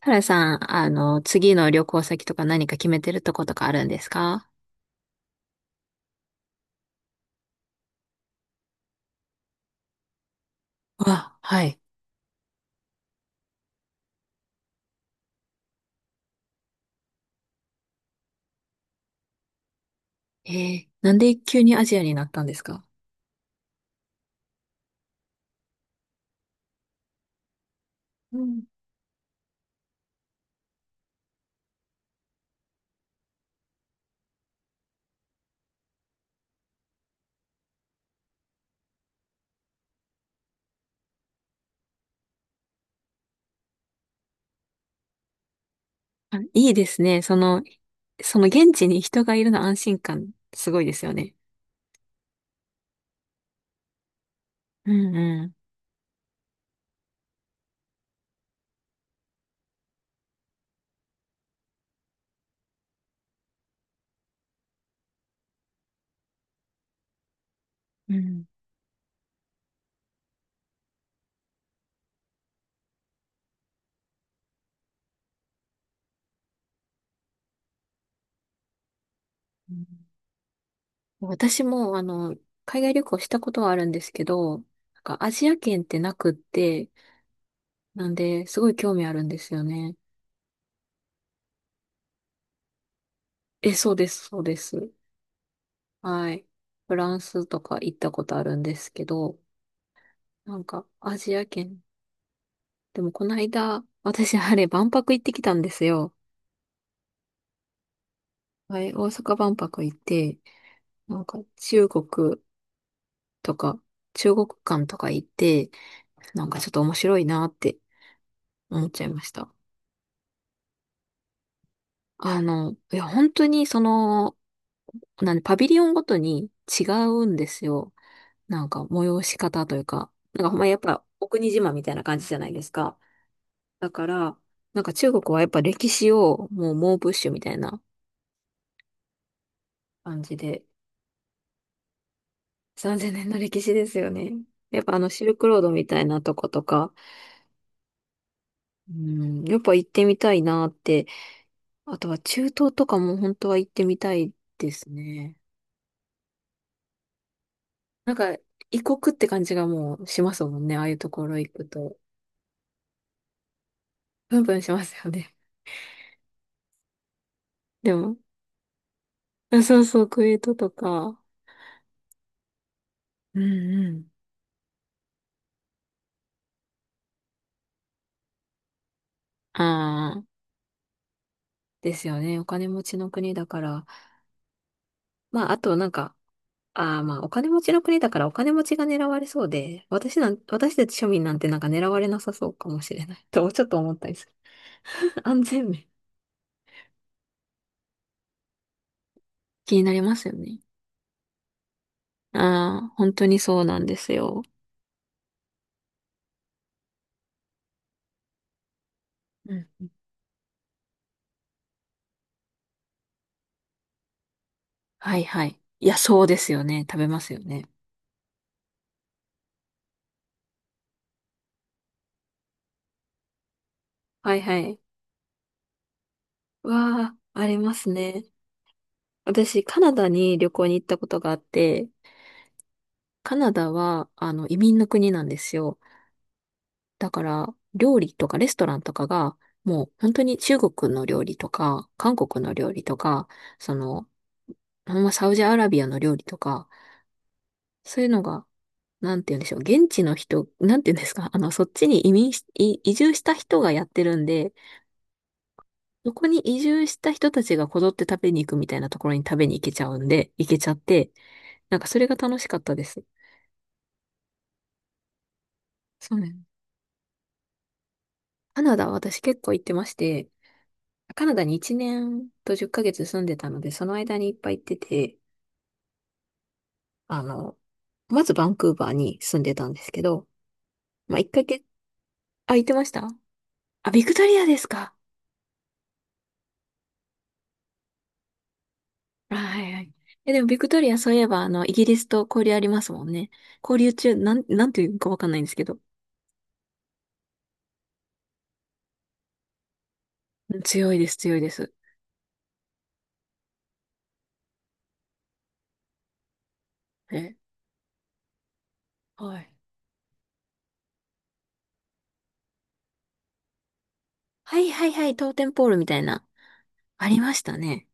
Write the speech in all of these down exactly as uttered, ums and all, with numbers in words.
タラさん、あの、次の旅行先とか何か決めてるとことかあるんですか？あ、はい。えー、なんで急にアジアになったんですか？うん。あ、いいですね。その、その現地に人がいるの安心感、すごいですよね。うんうん。うんうん。私も、あの、海外旅行したことはあるんですけど、なんかアジア圏ってなくって、なんで、すごい興味あるんですよね。え、そうです、そうです。はい。フランスとか行ったことあるんですけど、なんか、アジア圏。でも、この間、私、あれ、万博行ってきたんですよ。はい、大阪万博行って、なんか、中国とか、中国館とか行って、なんかちょっと面白いなって思っちゃいました。あの、いや、本当に、その、なんで、パビリオンごとに違うんですよ。なんか、催し方というか、なんか、ほんまやっぱ、お国自慢みたいな感じじゃないですか。だから、なんか中国はやっぱ歴史をもう猛プッシュみたいな感じで、さんぜんねんの歴史ですよね。やっぱあのシルクロードみたいなとことか、うん、やっぱ行ってみたいなって。あとは中東とかも本当は行ってみたいですね。なんか異国って感じがもうしますもんね。ああいうところ行くと。プンプンしますよね。でも、あそうそう、クウェートとか。うんうん。ああ、ですよね。お金持ちの国だから。まあ、あとなんか、ああ、まあ、お金持ちの国だからお金持ちが狙われそうで、私なん、私たち庶民なんてなんか狙われなさそうかもしれない と、ちょっと思ったりする。安全面。気になりますよね。ああ、本当にそうなんですよ。うんうん。はいはい。いや、そうですよね。食べますよね。はいはい。わあ、ありますね。私、カナダに旅行に行ったことがあって、カナダは、あの、移民の国なんですよ。だから、料理とかレストランとかが、もう本当に中国の料理とか、韓国の料理とか、その、ほんまサウジアラビアの料理とか、そういうのが、なんて言うんでしょう、現地の人、なんて言うんですか、あの、そっちに移民し、い移住した人がやってるんで、そこに移住した人たちがこぞって食べに行くみたいなところに食べに行けちゃうんで、行けちゃって、なんかそれが楽しかったです。そうね。カナダ、私結構行ってまして、カナダにいちねんとじゅっかげつ住んでたので、その間にいっぱい行ってて、あの、まずバンクーバーに住んでたんですけど、まあ、いっかげつ、あ、行ってました。あ、ビクトリアですか？あ、はいはい。え、でもビクトリアそういえば、あの、イギリスと交流ありますもんね。交流中、なん、なんていうかわかんないんですけど。うん、強いです、強いです。え、はい。はいはいはい、トーテンポールみたいな。ありましたね。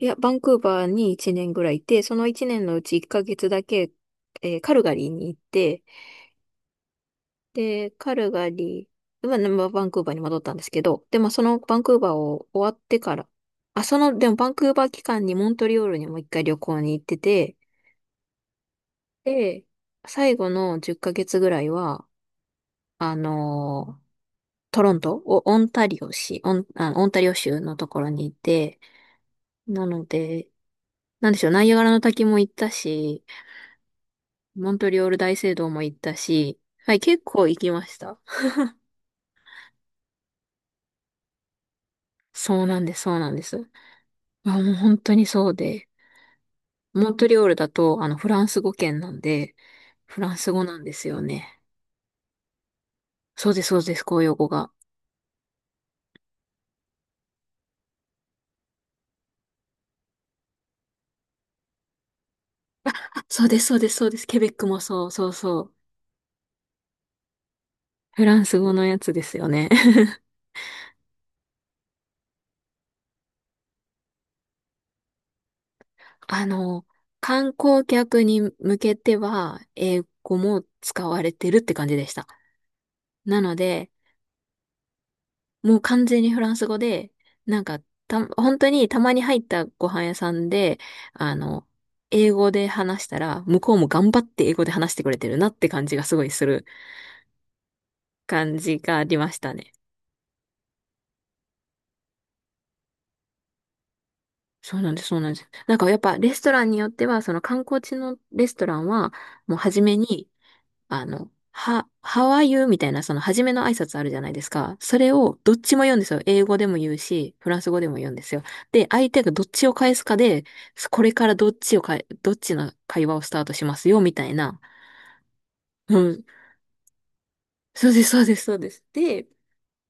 いや、バンクーバーにいちねんぐらいいて、そのいちねんのうちいっかげつだけ、えーカルガリーに行って、で、カルガリー、まあ、まあバンクーバーに戻ったんですけど、で、まあ、そのバンクーバーを終わってから、あ、その、でもバンクーバー期間にモントリオールにも一回旅行に行ってて、で、最後のじゅっかげつぐらいは、あのートロント、おオンタリオ市、オン、あ、オンタリオ州のところにいて、なので、なんでしょう、ナイアガラの滝も行ったし、モントリオール大聖堂も行ったし、はい、結構行きました。そうなんです、そうなんです。あ、もう本当にそうで。モントリオールだと、あの、フランス語圏なんで、フランス語なんですよね。そうです、そうです、公用語が。あ、そうです、そうです、そうです。ケベックもそう、そうそう。フランス語のやつですよね。あの、観光客に向けては、英語も使われてるって感じでした。なので、もう完全にフランス語で、なんか、た、本当にたまに入ったご飯屋さんで、あの、英語で話したら、向こうも頑張って英語で話してくれてるなって感じがすごいする感じがありましたね。そうなんです、そうなんです。なんかやっぱレストランによっては、その観光地のレストランは、もう初めに、あの、は、How are you? みたいな、その初めの挨拶あるじゃないですか。それをどっちも言うんですよ。英語でも言うし、フランス語でも言うんですよ。で、相手がどっちを返すかで、これからどっちをかえ、どっちの会話をスタートしますよ、みたいな。うん。そうです、そうです、そうです。で、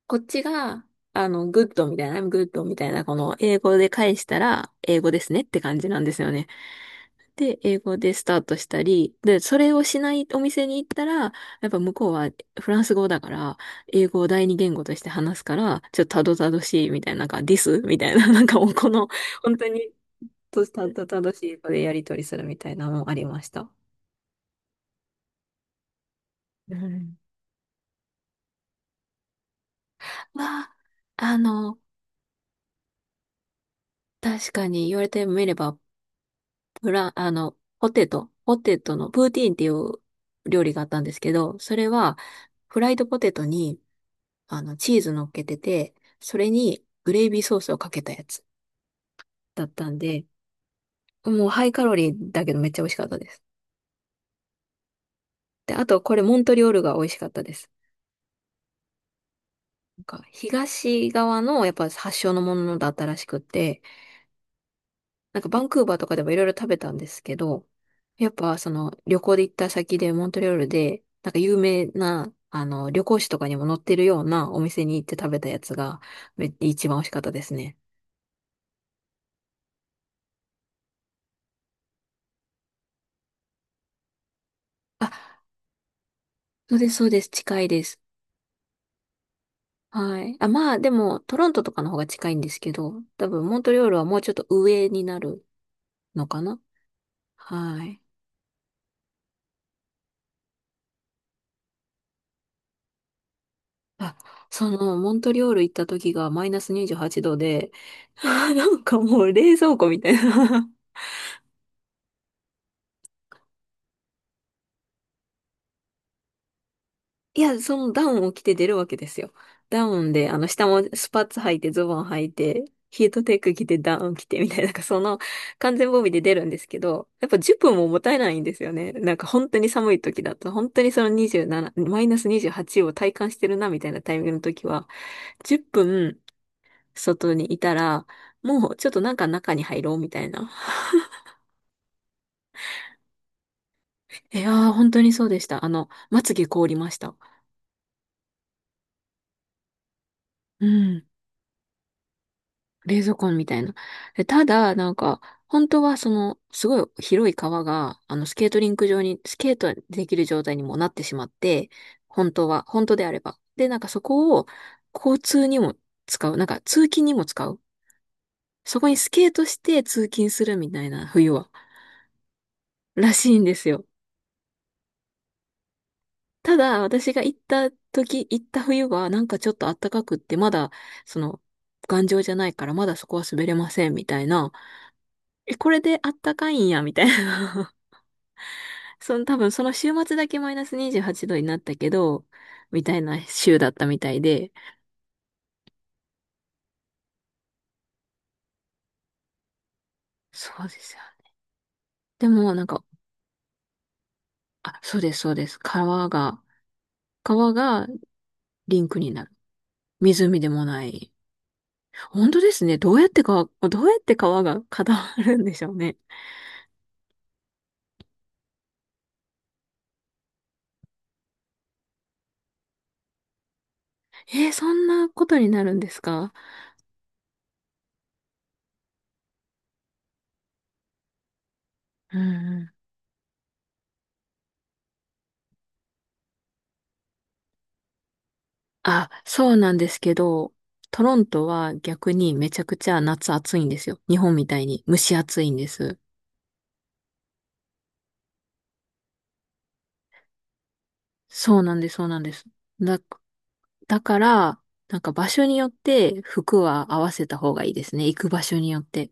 こっちが、あの、グッドみたいな、I'm good みたいな、この英語で返したら、英語ですねって感じなんですよね。で、英語でスタートしたり、で、それをしないお店に行ったら、やっぱ向こうはフランス語だから、英語を第二言語として話すから、ちょっとたどたどしいみたいな、なんか、this みたいな、なんかもうこの、本当に、とたどたどしい英語でやり取りするみたいなのもありました。うん。は、あの、確かに言われてみれば、フラン、あの、ポテト、ポテトのプーティーンっていう料理があったんですけど、それはフライドポテトにあのチーズ乗っけてて、それにグレイビーソースをかけたやつだったんで、もうハイカロリーだけどめっちゃ美味しかったです。で、あとこれモントリオールが美味しかったです。なんか東側のやっぱ発祥のものだったらしくって、なんかバンクーバーとかでもいろいろ食べたんですけど、やっぱその旅行で行った先でモントリオールで、なんか有名な、あの、旅行誌とかにも載ってるようなお店に行って食べたやつが、め一番美味しかったですね。あ、そうです、そうです。近いです。はい。あ、まあ、でも、トロントとかの方が近いんですけど、多分、モントリオールはもうちょっと上になるのかな？はい。あ、その、モントリオール行った時がマイナスにじゅうはちどで、なんかもう冷蔵庫みたいな。いや、そのダウンを着て出るわけですよ。ダウンで、あの、下もスパッツ履いて、ズボン履いて、ヒートテック着て、ダウン着て、みたいな、なんかその完全防備で出るんですけど、やっぱじゅっぷんももったいないんですよね。なんか本当に寒い時だと、本当にそのにじゅうなな、マイナスにじゅうはちを体感してるな、みたいなタイミングの時は、じゅっぷん外にいたら、もうちょっとなんか中に入ろう、みたいな。いやー、本当にそうでした。あの、まつげ凍りました。うん。冷蔵庫みたいな。でただ、なんか、本当はその、すごい広い川が、あの、スケートリンク上に、スケートできる状態にもなってしまって、本当は、本当であれば。で、なんかそこを、交通にも使う。なんか、通勤にも使う。そこにスケートして通勤するみたいな、冬は。らしいんですよ。ただ、私が行った時、行った冬は、なんかちょっと暖かくって、まだ、その、頑丈じゃないから、まだそこは滑れません、みたいな。え、これで暖かいんや、みたいな。その多分その週末だけマイナスにじゅうはちどになったけど、みたいな週だったみたいで、そうですよね。でもなんか、あ、そうです、そうです。川が、川がリンクになる。湖でもない。本当ですね。どうやって川、どうやって川が固まるんでしょうね。えーそんなことになるんですか？うんうん。あ、そうなんですけど、トロントは逆にめちゃくちゃ夏暑いんですよ。日本みたいに蒸し暑いんです。そうなんです、そうなんです。だだから、なんか場所によって服は合わせた方がいいですね。行く場所によって。